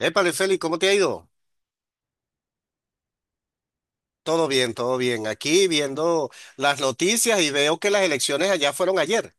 Épale, Félix, ¿cómo te ha ido? Todo bien, todo bien. Aquí viendo las noticias y veo que las elecciones allá fueron ayer.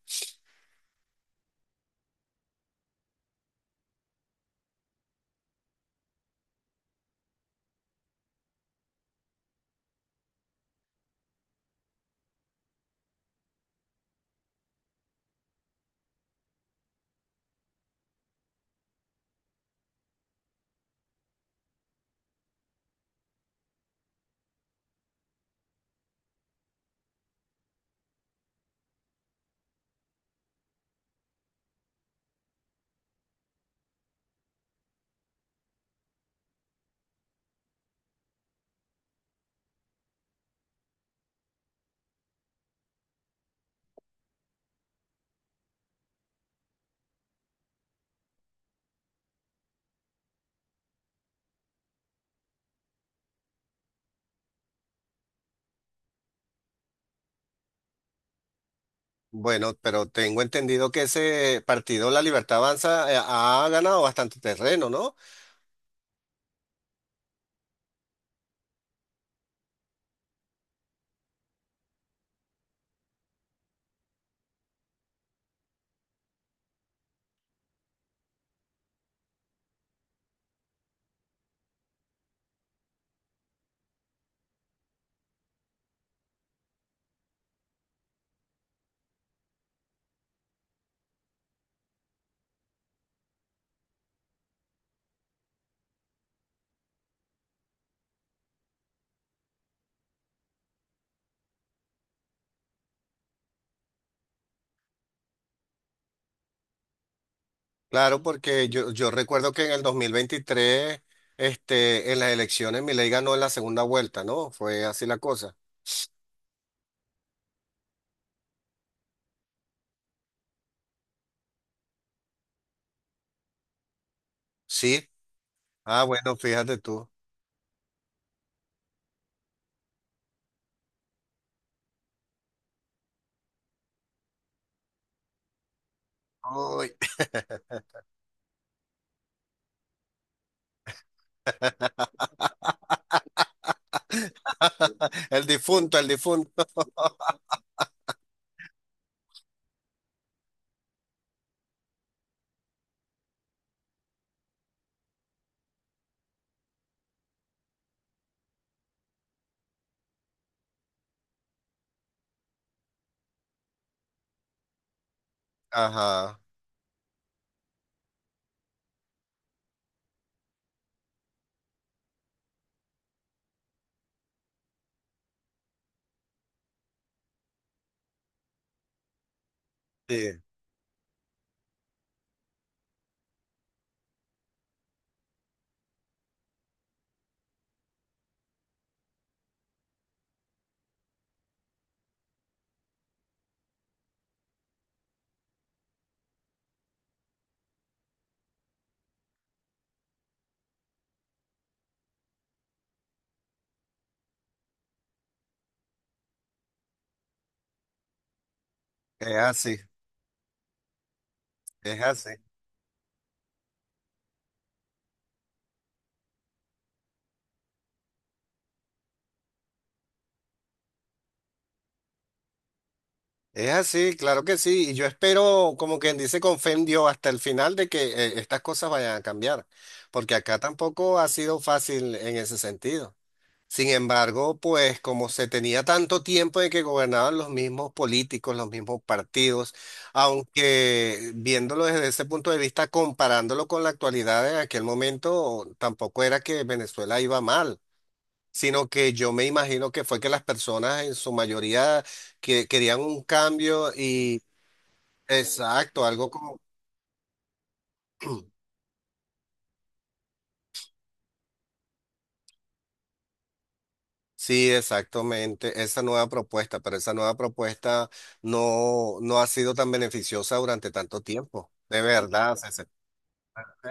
Bueno, pero tengo entendido que ese partido, La Libertad Avanza, ha ganado bastante terreno, ¿no? Claro, porque yo recuerdo que en el 2023, este, en las elecciones, Milei ganó en la segunda vuelta, ¿no? Fue así la cosa. Sí. Ah, bueno, fíjate tú. ¡Ay! El difunto, el difunto. Ajá. Sí, es así, es así, es así, claro que sí. Y yo espero, como quien dice, con fe en Dios hasta el final de que estas cosas vayan a cambiar, porque acá tampoco ha sido fácil en ese sentido. Sin embargo, pues como se tenía tanto tiempo de que gobernaban los mismos políticos, los mismos partidos, aunque viéndolo desde ese punto de vista, comparándolo con la actualidad en aquel momento, tampoco era que Venezuela iba mal. Sino que yo me imagino que fue que las personas en su mayoría querían un cambio y exacto, algo como... Sí, exactamente, esa nueva propuesta, pero esa nueva propuesta no ha sido tan beneficiosa durante tanto tiempo, de verdad. César.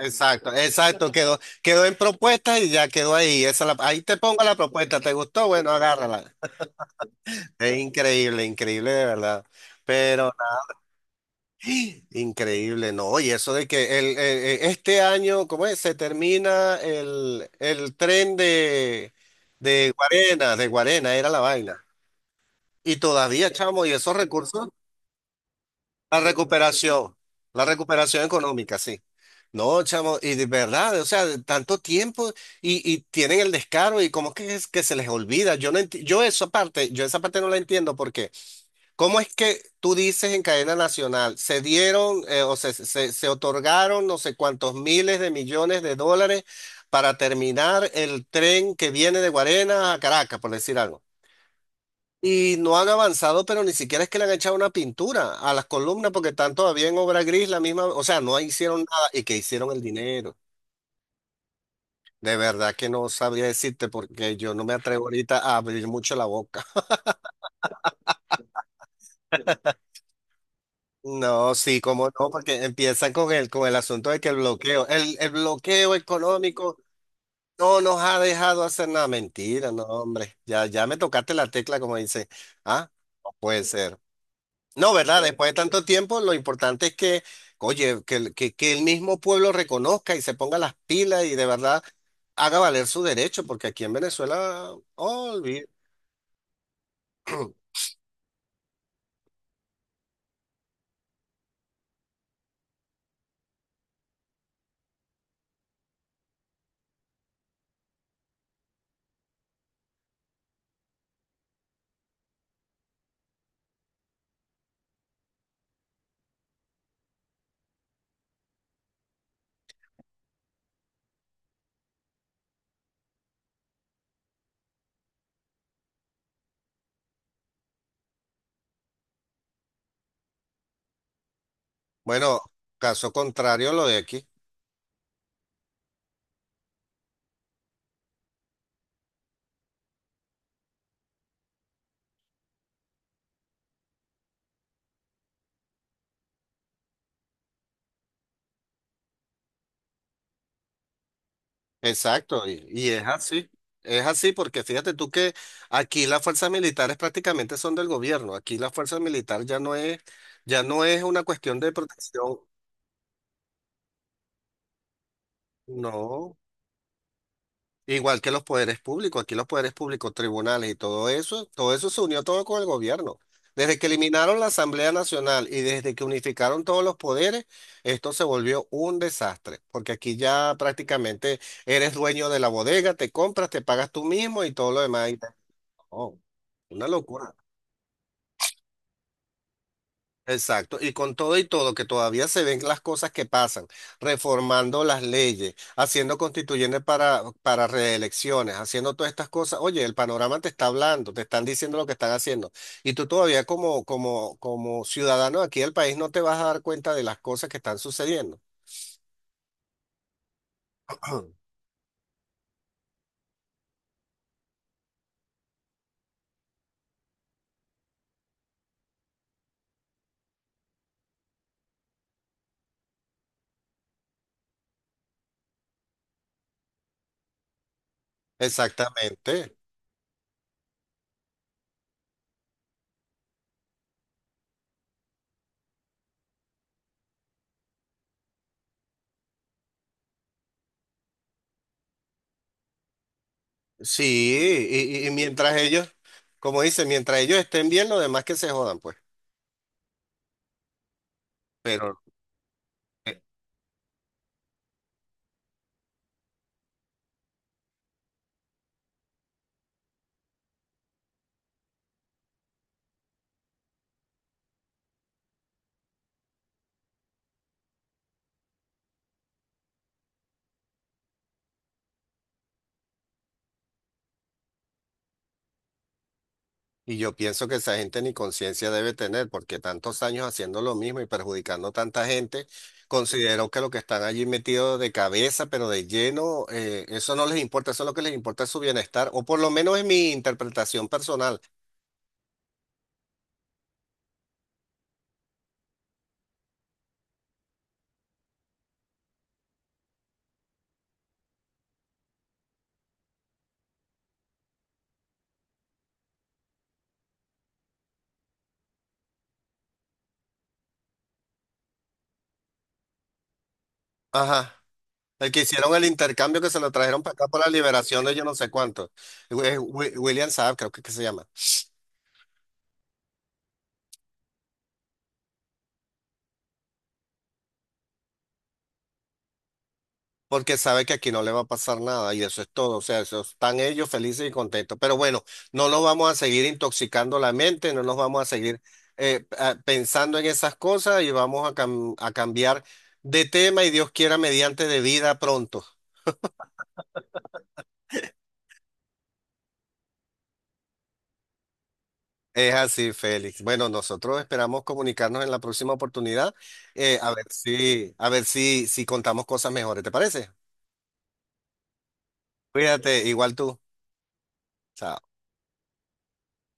Exacto, exacto, quedó en propuesta y ya quedó ahí. Esa ahí te pongo la propuesta, ¿te gustó? Bueno, agárrala. Es increíble, increíble de verdad. Pero increíble, ¿no? Y eso de que el, este año, ¿cómo es? Se termina el tren de Guarena era la vaina. Y todavía, chamo, y esos recursos, la recuperación, la recuperación económica, sí. No, chamo, y de verdad, o sea, de tanto tiempo y tienen el descaro y cómo que es que se les olvida. Yo no enti- Yo esa parte, yo esa parte no la entiendo porque ¿cómo es que tú dices en cadena nacional, se dieron o se, se otorgaron no sé cuántos miles de millones de dólares para terminar el tren que viene de Guarena a Caracas, por decir algo? Y no han avanzado, pero ni siquiera es que le han echado una pintura a las columnas porque están todavía en obra gris, la misma, o sea, no hicieron nada y que hicieron el dinero. De verdad que no sabría decirte porque yo no me atrevo ahorita a abrir mucho la boca. No, sí, cómo no, porque empiezan con el asunto de que el bloqueo económico no nos ha dejado hacer nada. Mentira, no, hombre. Ya, ya me tocaste la tecla, como dice. Ah, no puede ser. No, ¿verdad? Después de tanto tiempo, lo importante es que, oye, que, que el mismo pueblo reconozca y se ponga las pilas y de verdad haga valer su derecho, porque aquí en Venezuela, olvida. Bueno, caso contrario, lo de aquí. Exacto, y es así. Es así porque fíjate tú que aquí las fuerzas militares prácticamente son del gobierno. Aquí la fuerza militar ya no es una cuestión de protección, no. Igual que los poderes públicos, aquí los poderes públicos, tribunales y todo eso se unió todo con el gobierno. Desde que eliminaron la Asamblea Nacional y desde que unificaron todos los poderes, esto se volvió un desastre, porque aquí ya prácticamente eres dueño de la bodega, te compras, te pagas tú mismo y todo lo demás. Oh, una locura. Exacto. Y con todo y todo, que todavía se ven las cosas que pasan, reformando las leyes, haciendo constituyentes para reelecciones, haciendo todas estas cosas. Oye, el panorama te está hablando, te están diciendo lo que están haciendo. Y tú todavía como, como, como ciudadano aquí del país no te vas a dar cuenta de las cosas que están sucediendo. Exactamente. Sí, y mientras ellos, como dice, mientras ellos estén bien, los demás que se jodan, pues. Pero eh, y yo pienso que esa gente ni conciencia debe tener, porque tantos años haciendo lo mismo y perjudicando a tanta gente, considero que lo que están allí metidos de cabeza, pero de lleno, eso no les importa, eso lo que les importa es su bienestar, o por lo menos es mi interpretación personal. Ajá, el que hicieron el intercambio que se lo trajeron para acá por la liberación de yo no sé cuánto, William Saab creo que se llama. Porque sabe que aquí no le va a pasar nada y eso es todo, o sea, eso están ellos felices y contentos. Pero bueno, no nos vamos a seguir intoxicando la mente, no nos vamos a seguir pensando en esas cosas y vamos a, a cambiar de tema y Dios quiera mediante de vida pronto. Es así, Félix. Bueno, nosotros esperamos comunicarnos en la próxima oportunidad, a ver si, si contamos cosas mejores, ¿te parece? Cuídate, igual tú. Chao.